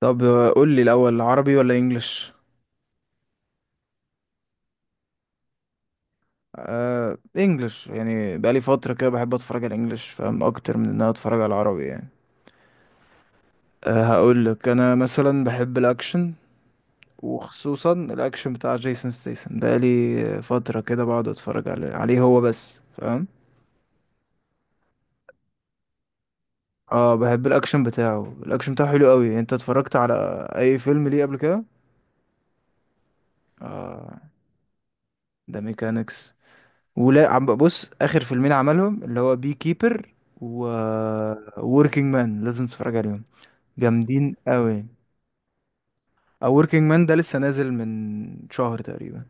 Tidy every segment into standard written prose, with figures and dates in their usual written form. طب، قول لي الاول عربي ولا انجليش؟ آه انجليش، يعني بقالي فتره كده بحب اتفرج على الانجليش، فاهم اكتر من ان انا اتفرج على العربي يعني. آه هقول لك انا مثلا بحب الاكشن، وخصوصا الاكشن بتاع جيسون ستيسن. بقالي فتره كده بقعد اتفرج عليه هو بس، فاهم. اه بحب الاكشن بتاعه، الاكشن بتاعه حلو قوي. انت اتفرجت على اي فيلم ليه قبل كده؟ اه ده ميكانكس، ولا عم بص اخر فيلمين عملهم اللي هو بي كيبر و وركينج مان، لازم تتفرج عليهم، جامدين قوي. او وركينج مان ده لسه نازل من شهر تقريبا،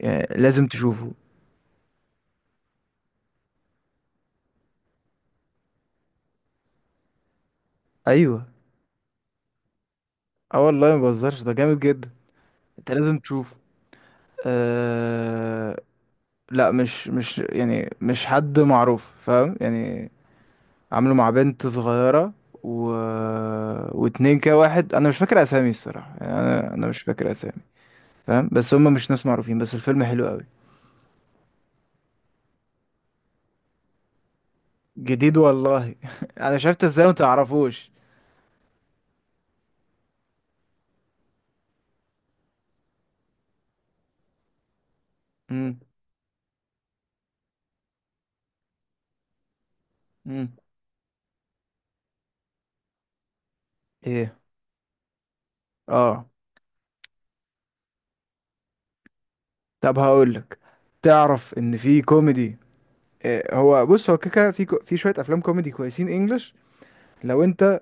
يعني لازم تشوفه. ايوه. اه والله ما بهزرش، ده جامد جدا. انت لازم تشوفه. أه... لا مش يعني مش حد معروف، فاهم يعني. عامله مع بنت صغيرة و... واتنين كده. واحد انا مش فاكر اسامي الصراحة، يعني انا مش فاكر اسامي، فاهم. بس هم مش ناس معروفين، بس الفيلم حلو قوي. جديد والله انا شفت ازاي وما تعرفوش. امم. امم. ايه. اه. طب هقول لك، تعرف ان في كوميدي. إيه، هو بص، هو كيكا في شويه افلام كوميدي كويسين انجلش، لو انت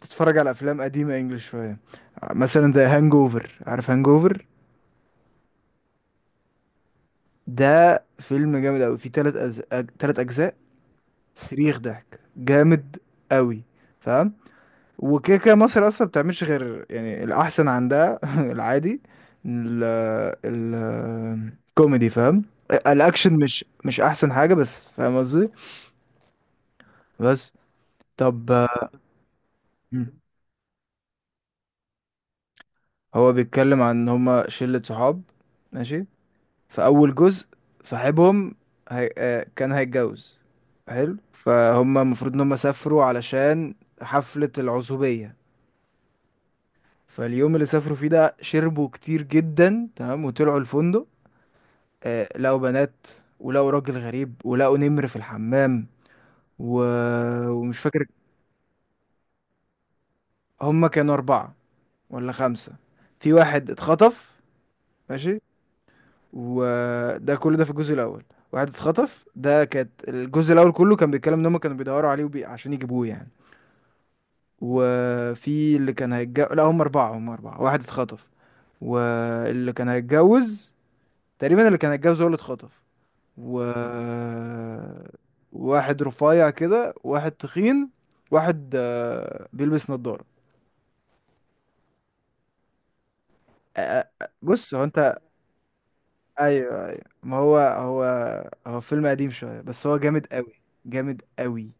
تتفرج على افلام قديمه انجلش شويه. مثلا ذا هانج اوفر، عارف هانج اوفر؟ ده فيلم جامد قوي، فيه تلات اجزاء. صريخ ضحك جامد قوي، فاهم؟ وكده كده مصر اصلا بتعملش غير يعني الاحسن عندها العادي. ال ال كوميدي، فاهم. الاكشن مش احسن حاجه، بس فاهم قصدي. بس. طب. مم. هو بيتكلم عن ان هما شله صحاب. ماشي. في اول جزء، صاحبهم هي... آه، كان هيتجوز. حلو فهم، المفروض ان هم سافروا علشان حفله العزوبيه. فاليوم اللي سافروا فيه ده شربوا كتير جدا، تمام، وطلعوا الفندق. لقوا بنات، ولقوا راجل غريب، ولقوا نمر في الحمام و... ومش فاكر، هما كانوا أربعة ولا خمسة. في واحد اتخطف. ماشي. وده كله ده في الجزء الأول. واحد اتخطف ده كانت الجزء الأول كله كان بيتكلم إن هما كانوا بيدوروا عليه عشان يجيبوه يعني. وفي اللي كان هيتجوز، لا هما أربعة، هما أربعة، واحد اتخطف. واللي كان هيتجوز، تقريبا اللي كان هيتجوز هو اللي اتخطف و واحد رفيع كده، واحد تخين، واحد بيلبس نظارة. بص، هو انت. ايوه، ايوه، ما هو هو فيلم قديم شوية، بس هو جامد قوي، جامد قوي،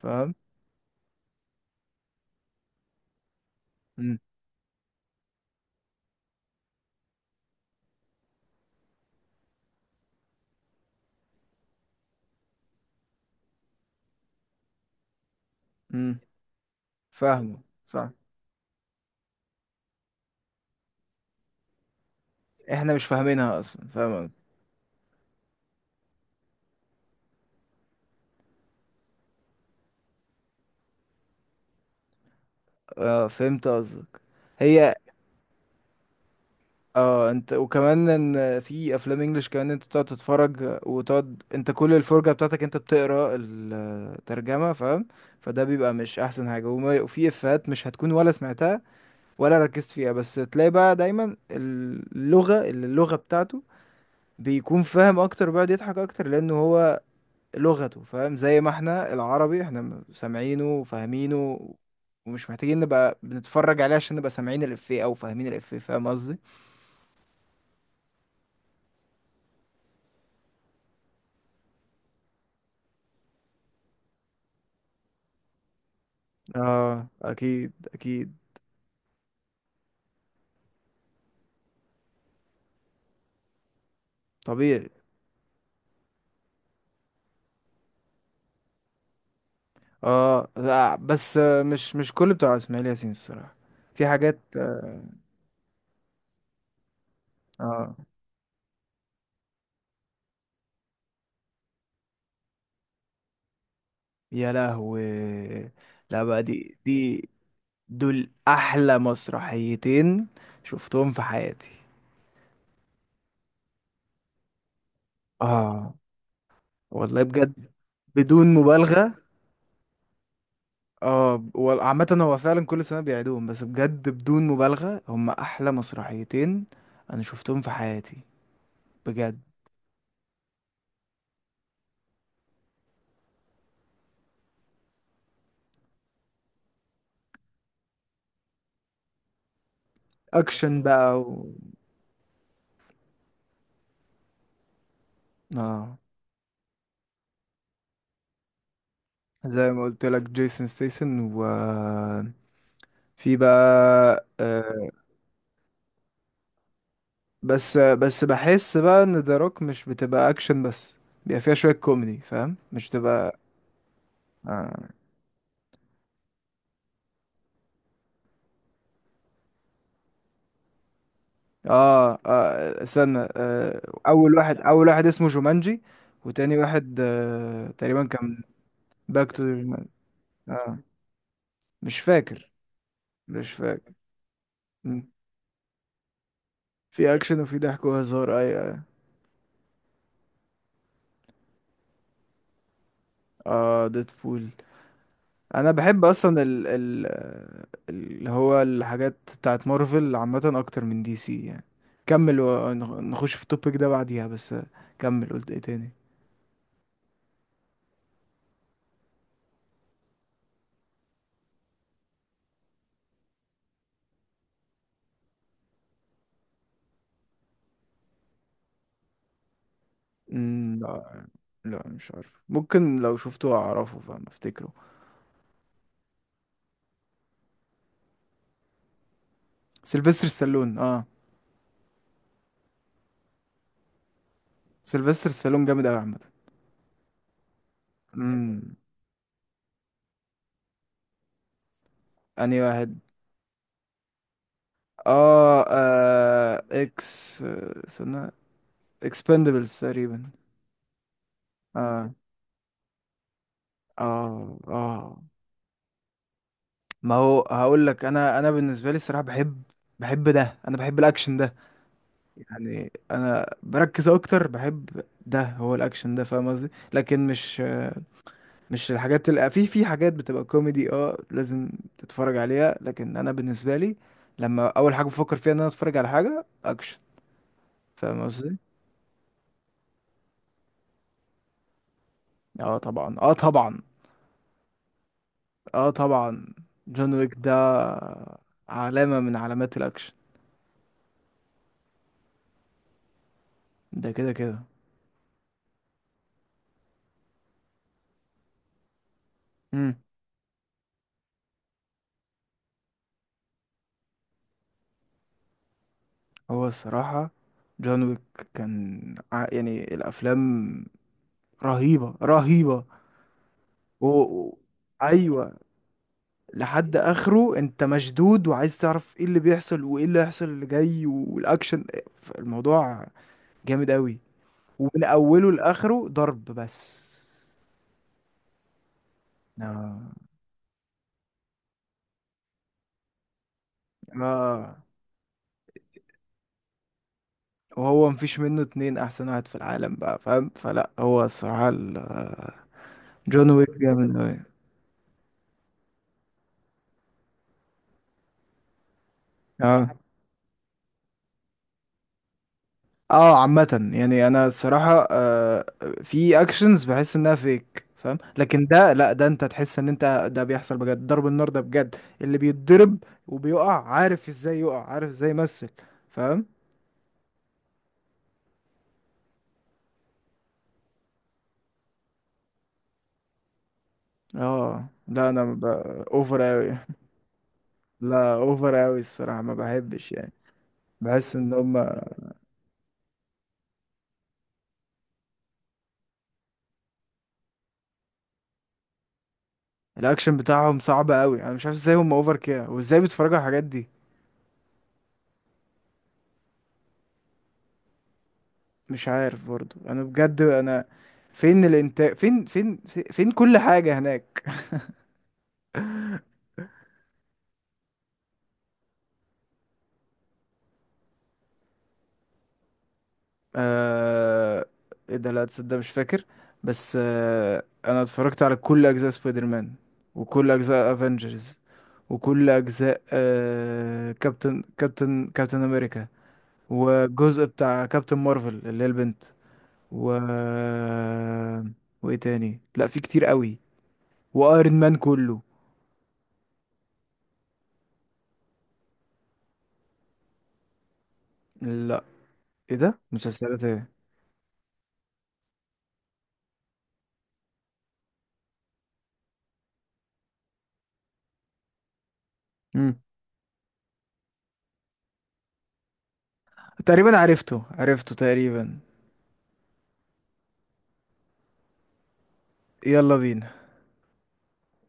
فاهم. امم. امم. فاهمه صح. احنا مش فاهمينها اصلا، فاهم قصدي؟ اه فهمت قصدك. هي. اه انت، وكمان ان في افلام انجليش كمان انت تقعد تتفرج، وتقعد انت كل الفرجة بتاعتك انت بتقرا الترجمة، فاهم. فده بيبقى مش احسن حاجة، وفي افيهات مش هتكون ولا سمعتها ولا ركزت فيها. بس تلاقي بقى دايما اللغة اللي اللغة بتاعته بيكون فاهم اكتر، بيقعد يضحك اكتر، لانه هو لغته، فاهم. زي ما احنا العربي احنا سامعينه وفاهمينه، ومش محتاجين نبقى بنتفرج عليه عشان نبقى سامعين الافيه او فاهمين الافيه، فاهم قصدي. اه اكيد اكيد. طبيعي. اه لا بس، مش كل بتوع اسماعيل ياسين الصراحه. في حاجات. اه يا لهوي. لا بقى، دي دول احلى مسرحيتين شفتهم في حياتي. اه والله بجد، بدون مبالغه. اه، عامه هو فعلا كل سنه بيعيدوهم، بس بجد بدون مبالغه هم احلى مسرحيتين انا شفتهم في حياتي، بجد. اكشن بقى. اه زي ما قلت لك جيسون ستيسن، وفي بقى. بس بحس بقى ان ذا روك مش بتبقى اكشن بس، بيبقى فيها شوية كوميدي، فاهم، مش بتبقى. اه، اه، استنى. اول واحد، اول واحد اسمه جومانجي. وتاني واحد تقريبا كان باك تو جومانجي. اه. مش فاكر، مش فاكر. مم. في اكشن وفي ضحك وهزار. آه ديدبول. انا بحب اصلا ال ال اللي هو الحاجات بتاعت مارفل عامه اكتر من دي سي يعني. كمل ونخش في التوبيك ده بعديها بس. كمل، قلت ايه تاني. مم، لا. لا مش عارف، ممكن لو شفته اعرفه، فاهم، افتكره. سيلفستر ستالون اه. سيلفستر ستالون جامد قوي عامه. امم. انهي واحد؟ اه، آه اكس آه، استنى. اكسبندبلز تقريبا. اه اه اه. ما هو هقول لك، انا بالنسبه لي الصراحه بحب. بحب ده، انا بحب الاكشن ده. يعني انا بركز اكتر، بحب ده هو الاكشن ده، فاهم قصدي، لكن مش، مش الحاجات اللي في حاجات بتبقى كوميدي، اه لازم تتفرج عليها، لكن انا بالنسبه لي، لما اول حاجه بفكر فيها ان انا اتفرج على حاجه اكشن، فاهم قصدي. اه طبعا، اه طبعا. اه طبعا. جون ويك ده علامه من علامات الاكشن. ده كده كده. هو الصراحة جون ويك كان يعني الأفلام رهيبة رهيبة و... و- أيوة، لحد آخره أنت مشدود وعايز تعرف إيه اللي بيحصل وإيه اللي هيحصل اللي جاي والأكشن، الموضوع جامد أوي، ومن أوله لآخره ضرب بس. آه. آه. وهو مفيش منه اتنين، أحسن واحد في العالم بقى، فاهم، فلا هو الصراحة، جون ويك جامد أوي. آه. اه عامة يعني انا الصراحة، في اكشنز بحس انها فيك، فاهم، لكن ده لا، ده انت تحس ان انت ده بيحصل بجد، ضرب النار ده بجد، اللي بيتضرب وبيقع عارف ازاي يقع عارف ازاي يمثل، فاهم. اه لا. اوفر اوي. لا اوفر اوي الصراحة، ما بحبش يعني. بحس ان هم الاكشن بتاعهم صعب اوي، انا مش عارف ازاي هم اوفر كده وازاي بيتفرجوا على الحاجات دي. مش عارف برضو، انا بجد انا فين الانتاج، فين، فين، فين كل حاجة هناك. آه... ايه ده، لا تصدق مش فاكر، بس انا اتفرجت على كل اجزاء سبايدر مان، وكل اجزاء افنجرز، وكل اجزاء كابتن امريكا، والجزء بتاع كابتن مارفل اللي هي البنت و وايه تاني، لا في كتير قوي، وايرون مان كله. لا ايه ده، مسلسلات ايه؟ مم. تقريبا عرفته عرفته تقريبا. يلا بينا.